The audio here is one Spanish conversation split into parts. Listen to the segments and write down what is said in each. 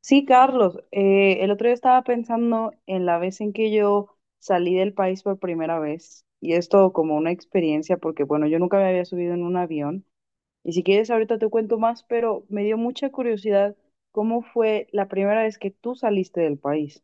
Sí, Carlos, el otro día estaba pensando en la vez en que yo salí del país por primera vez y esto como una experiencia porque bueno, yo nunca me había subido en un avión y si quieres ahorita te cuento más, pero me dio mucha curiosidad cómo fue la primera vez que tú saliste del país.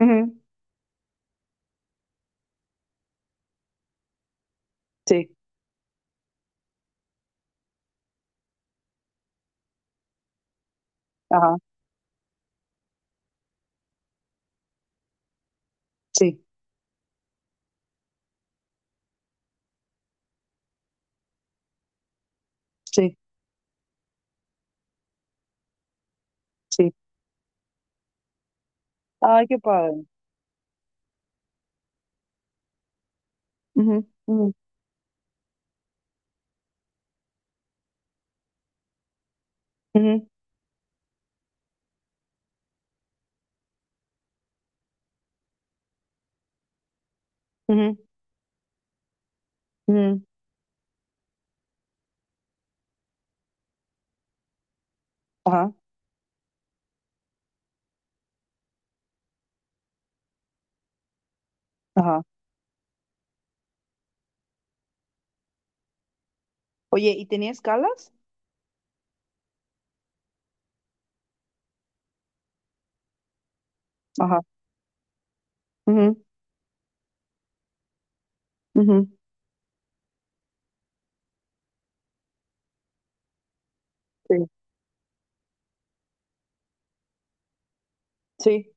Ujú, sí, ajá, sí, sí, sí. Ay, qué padre. Ujú, ujú, ujú, ujú, ujú, ajá, ajá. Oye, ¿y tenía escalas? Ajá. Mhm. Mhm. Sí, sí,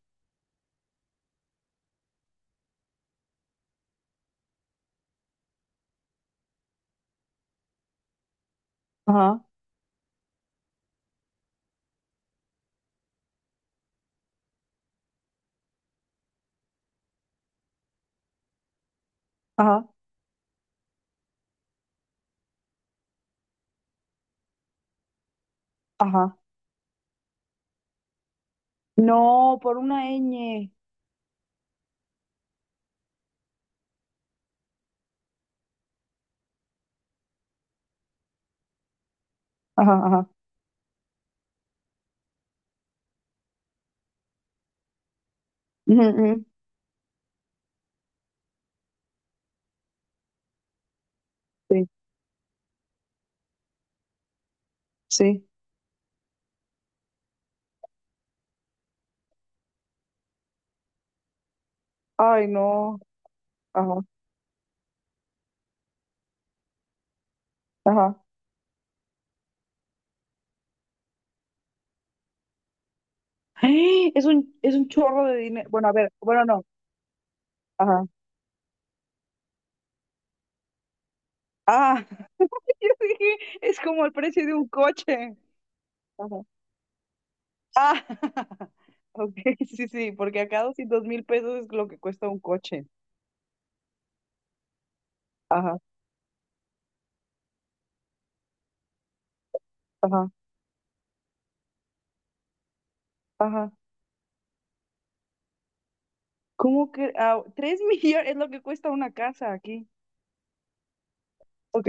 ajá. Ajá, ajá. No, por una ñ. Ajá, ajá. Ujú, ujú. Sí, sí. Ay, no. Ajá, ajá. ¡Eh! Es un chorro de dinero. Bueno, a ver, bueno, no. Ajá. Ah, yo dije, es como el precio de un coche. Ajá. Ah, ok, sí, sí, porque acá 2.000 pesos es lo que cuesta un coche. Ajá, ajá, ajá. ¿Cómo que? Ah, tres millones es lo que cuesta una casa aquí. Ok.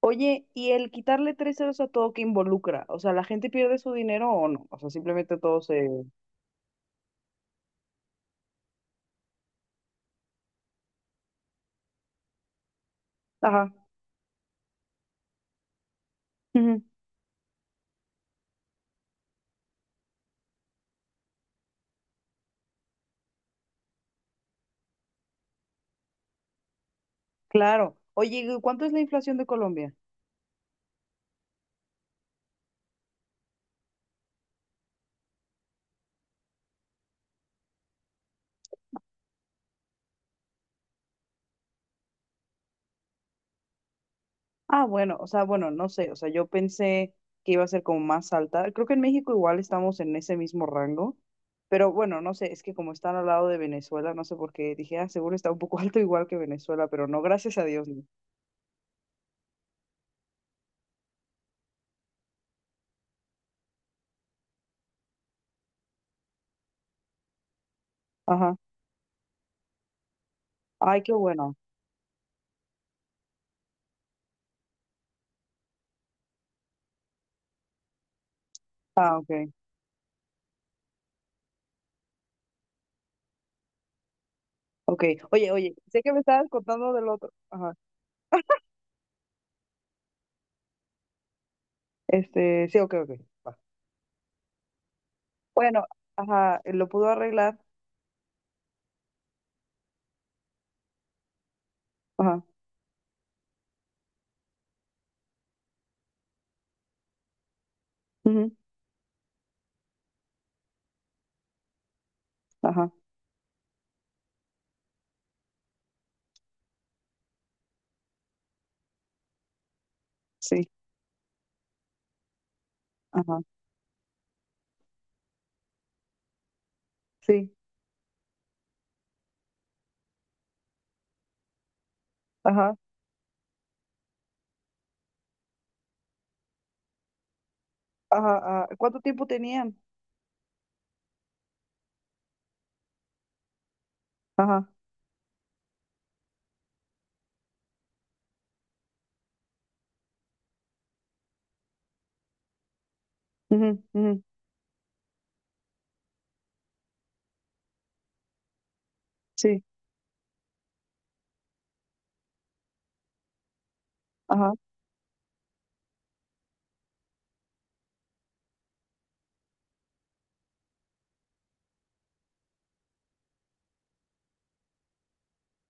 Oye, ¿y el quitarle tres ceros a todo que involucra? O sea, ¿la gente pierde su dinero o no? O sea, simplemente todo se... Ajá, ujú, claro. Oye, ¿y cuánto es la inflación de Colombia? Ah, bueno, o sea, bueno, no sé, o sea, yo pensé que iba a ser como más alta. Creo que en México igual estamos en ese mismo rango, pero bueno, no sé, es que como están al lado de Venezuela, no sé por qué, dije, ah, seguro está un poco alto igual que Venezuela, pero no, gracias a Dios, no. Ajá. Ay, qué bueno. Ah, ok, ok. Oye, oye, sé que me estabas contando del otro. Ajá. Este, sí, ok, ok. Va. Bueno, ajá, lo pudo arreglar. Ajá, ujú, ajá, sí, ajá, sí, ajá, ajá, ajá. ¿Cuánto tiempo tenían? Ajá, ujú, ujú, sí, ajá,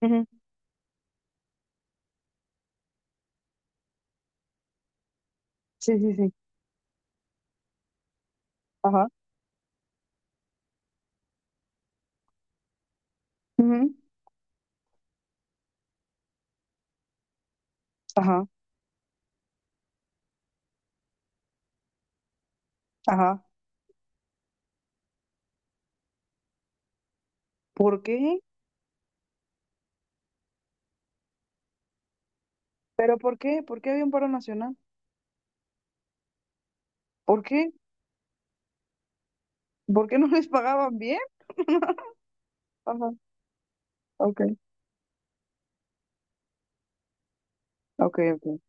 ujú, sí, sí, sí, ajá, ujú, ajá, ajá. ¿Por qué? ¿Pero por qué? ¿Por qué había un paro nacional? ¿Por qué? ¿Por qué no les pagaban bien? Ajá, ok, ok, ok.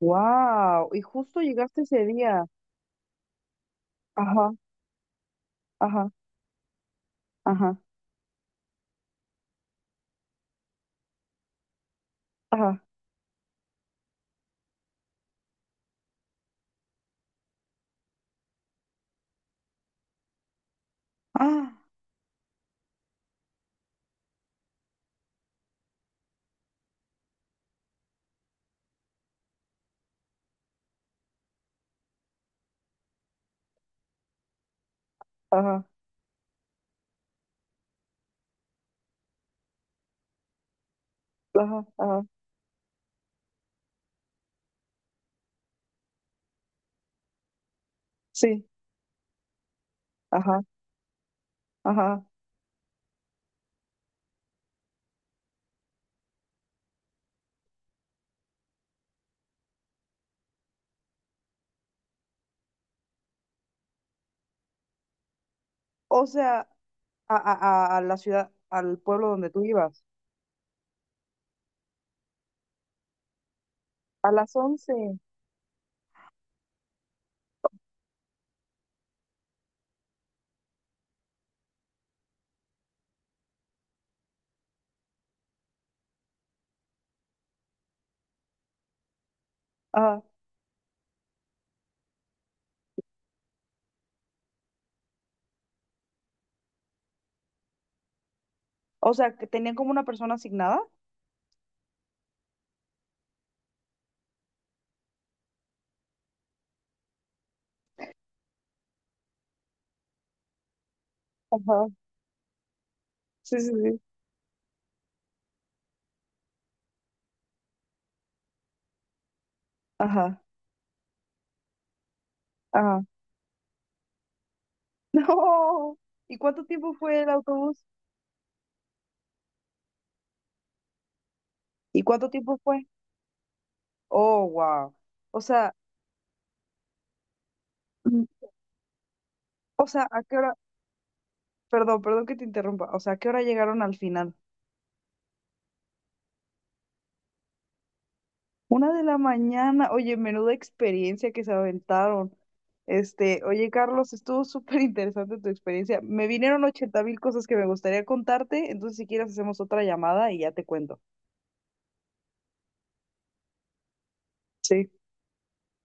Wow, y justo llegaste ese día. Ajá, ajá, ajá, ajá, ah, ajá. Ajá, ajá, sí, ajá, ajá. O sea, a la ciudad, al pueblo donde tú ibas. A las once. Ajá. O sea, que tenían como una persona asignada. Ajá, sí, sí, sí. Ajá, ajá. No. ¿Y cuánto tiempo fue el autobús? ¿Y cuánto tiempo fue? Oh, wow. O sea, mm, o sea, ¿a qué hora? Perdón, perdón que te interrumpa. O sea, ¿a qué hora llegaron al final? Una de la mañana, oye, menuda experiencia que se aventaron. Este, oye, Carlos, estuvo súper interesante tu experiencia. Me vinieron 80.000 cosas que me gustaría contarte, entonces si quieres hacemos otra llamada y ya te cuento. Sí.